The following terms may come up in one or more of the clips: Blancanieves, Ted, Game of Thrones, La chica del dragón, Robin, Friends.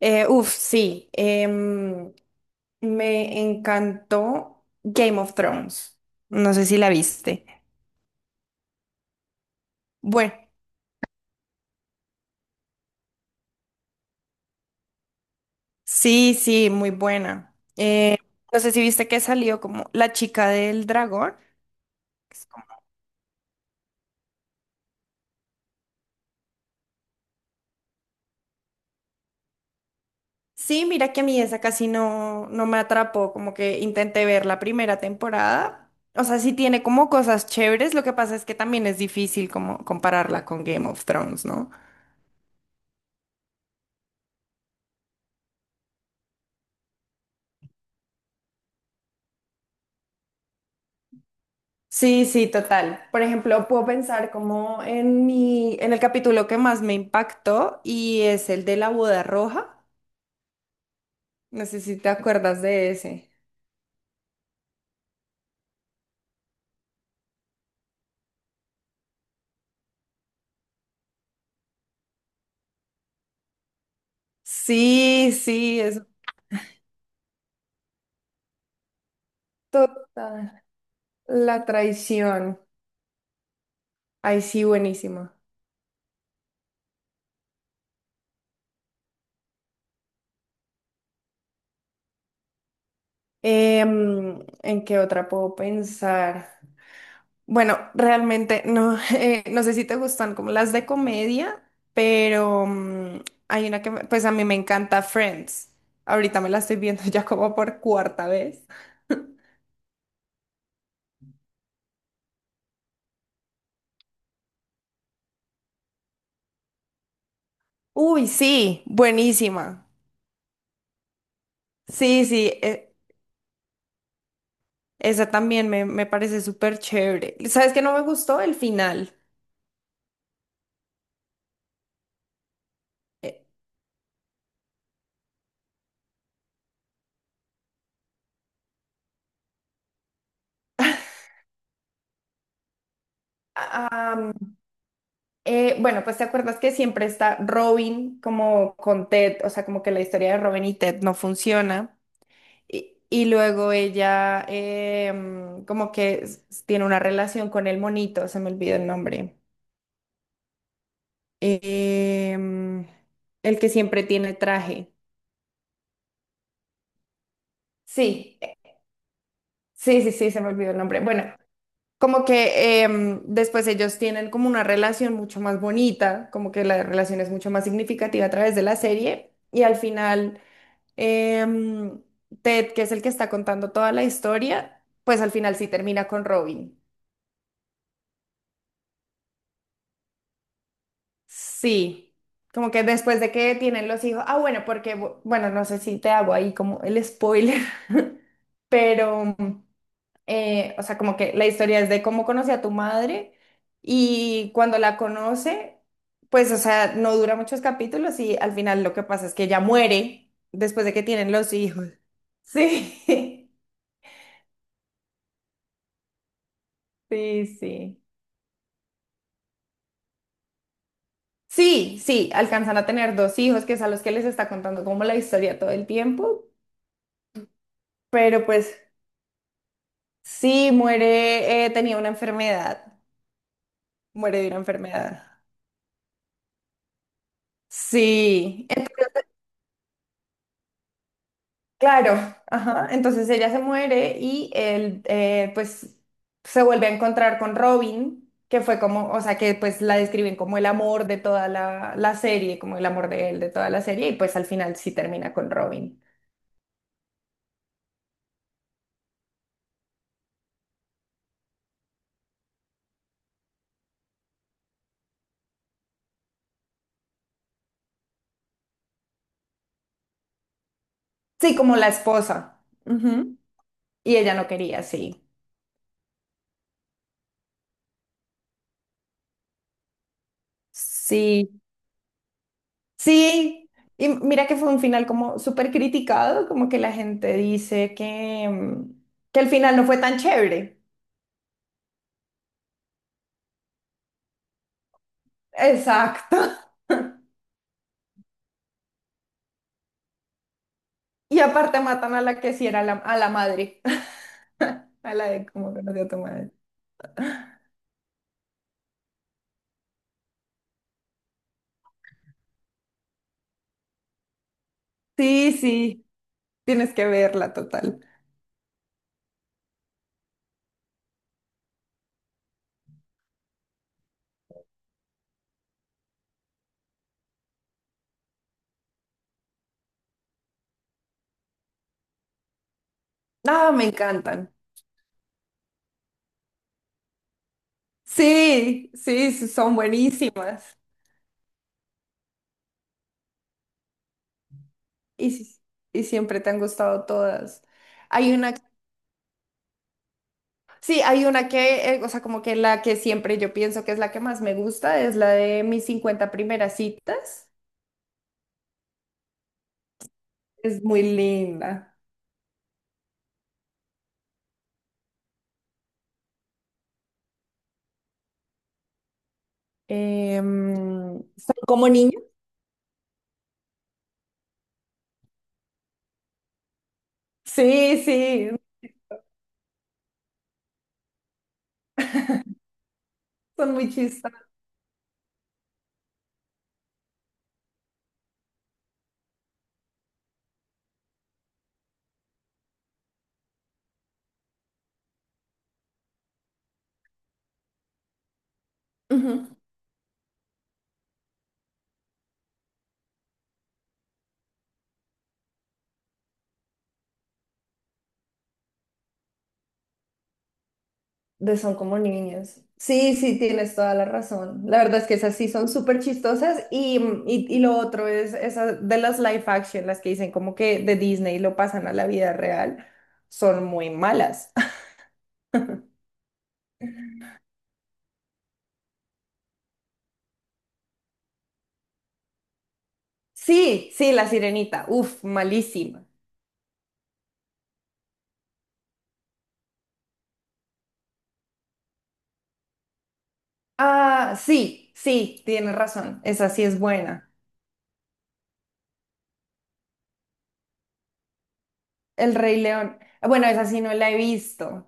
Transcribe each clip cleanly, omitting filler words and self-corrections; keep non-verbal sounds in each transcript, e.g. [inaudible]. Sí. Me encantó Game of Thrones. No sé si la viste. Bueno, sí, sí, muy buena. No sé si viste que salió como La chica del dragón. Es como- sí, mira que a mí esa casi no me atrapó, como que intenté ver la primera temporada. O sea, sí tiene como cosas chéveres, lo que pasa es que también es difícil como compararla con Game of Thrones, ¿no? Sí, sí, total. Por ejemplo, puedo pensar como en en el capítulo que más me impactó y es el de la boda roja. No sé si te acuerdas de ese. Sí, sí, es total. La traición. Ay, sí, buenísimo. ¿En qué otra puedo pensar? Bueno, realmente no, [laughs] no sé si te gustan como las de comedia, pero hay una que, me- pues a mí me encanta Friends. Ahorita me la estoy viendo [laughs] ya como por cuarta vez. Uy, sí, buenísima. Sí, sí, e- esa también me parece súper chévere. ¿Sabes qué no me gustó? El final. Eh, ah, bueno, pues te acuerdas que siempre está Robin como con Ted, o sea, como que la historia de Robin y Ted no funciona. Y luego ella como que s- tiene una relación con el monito, se me olvidó el nombre. Em, el que siempre tiene traje. Sí, sí, se me olvidó el nombre. Bueno, como que después ellos tienen como una relación mucho más bonita, como que la relación es mucho más significativa a través de la serie. Y al final, em, Ted, que es el que está contando toda la historia, pues al final sí termina con Robin. Sí, como que después de que tienen los hijos, ah, bueno, porque, bu- bueno, no sé si te hago ahí como el spoiler, [laughs] pero, o sea, como que la historia es de cómo conocí a tu madre y cuando la conoce, pues, o sea, no dura muchos capítulos y al final lo que pasa es que ella muere después de que tienen los hijos. Sí, [laughs] sí, sí. Sí, sí, alcanzan a tener dos hijos, que es a los que les está contando como la historia todo el tiempo, pero pues... Sí, muere, tenía una enfermedad, muere de una enfermedad. Sí, en- claro, ajá. Entonces ella se muere y él pues se vuelve a encontrar con Robin, que fue como, o sea, que pues la describen como el amor de toda la serie, como el amor de él de toda la serie, y pues al final sí termina con Robin. Sí, como la esposa. Ujú. Y ella no quería, sí. Sí, sí. Y mira que fue un final como súper criticado, como que la gente dice que, que el final no fue tan chévere. Exacto. [laughs] Y aparte matan a la que sí era a la madre, [laughs] a la de cómo conocí a tu madre. Sí, sí, tienes que verla total. Ah, me encantan. Sí, sí, sí, son buenísimas. Y, sí- y siempre te han gustado todas. Hay una sí, hay una que, o sea, como que la que siempre yo pienso que es la que más me gusta, es la de mis 50 primeras citas. Es muy linda. Son como niños. Sí, sí, son muy chistas. Ujú, de son como niños. Sí, sí, tienes toda la razón. La verdad es que esas sí son súper chistosas y lo otro es esas de las live action, las que dicen como que de Disney lo pasan a la vida real, son muy malas. Sí, sí, La Sirenita. Uf, malísima. Ah, sí, sí, tienes razón. Esa sí es buena. El Rey León. Bueno, esa sí no la he visto.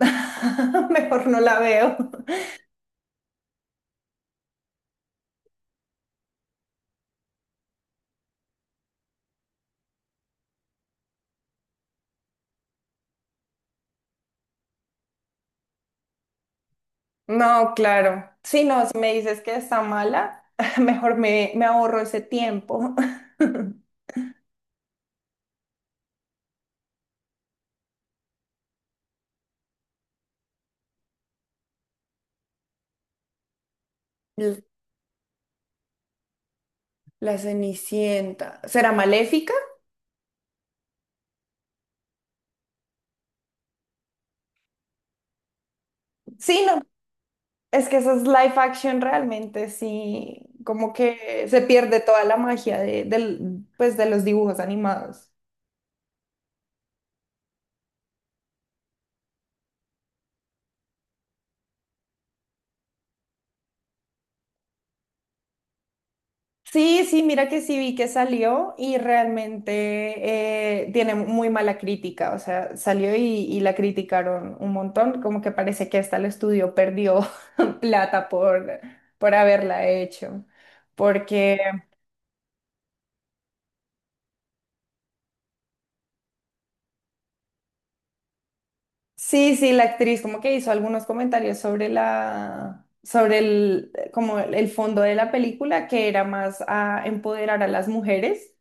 [laughs] Mejor no la veo. No, claro. Sí, no, si me dices que está mala, [laughs] mejor me ahorro ese tiempo. [laughs] L- La Cenicienta. ¿Será maléfica? Sí, no. Es que esas live action realmente sí, como que se pierde toda la magia de, del, pues, de los dibujos animados. Sí, sí, mira que sí vi que salió y realmente tiene muy mala crítica, o sea, salió y la criticaron un montón, como que parece que hasta el estudio perdió [laughs] plata por haberla hecho, porque sí, sí, la actriz como que hizo algunos comentarios sobre sobre el, como el fondo de la película, que era más a empoderar a las mujeres.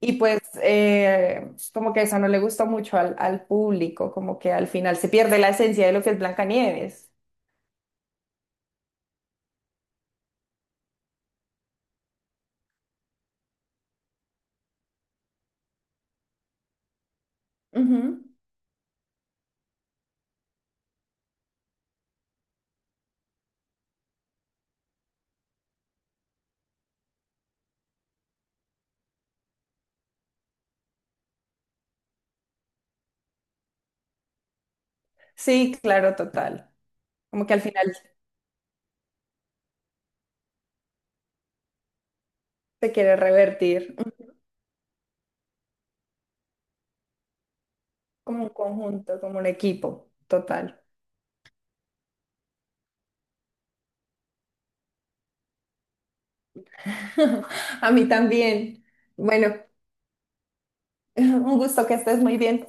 Y pues pues, como que eso no le gustó mucho al público, como que al final se pierde la esencia de lo que es Blancanieves. Ujú. Sí, claro, total. Como que al final se quiere revertir ujú, como un conjunto, como un equipo, total. [laughs] A mí también. Bueno, [laughs] un gusto que estés muy bien.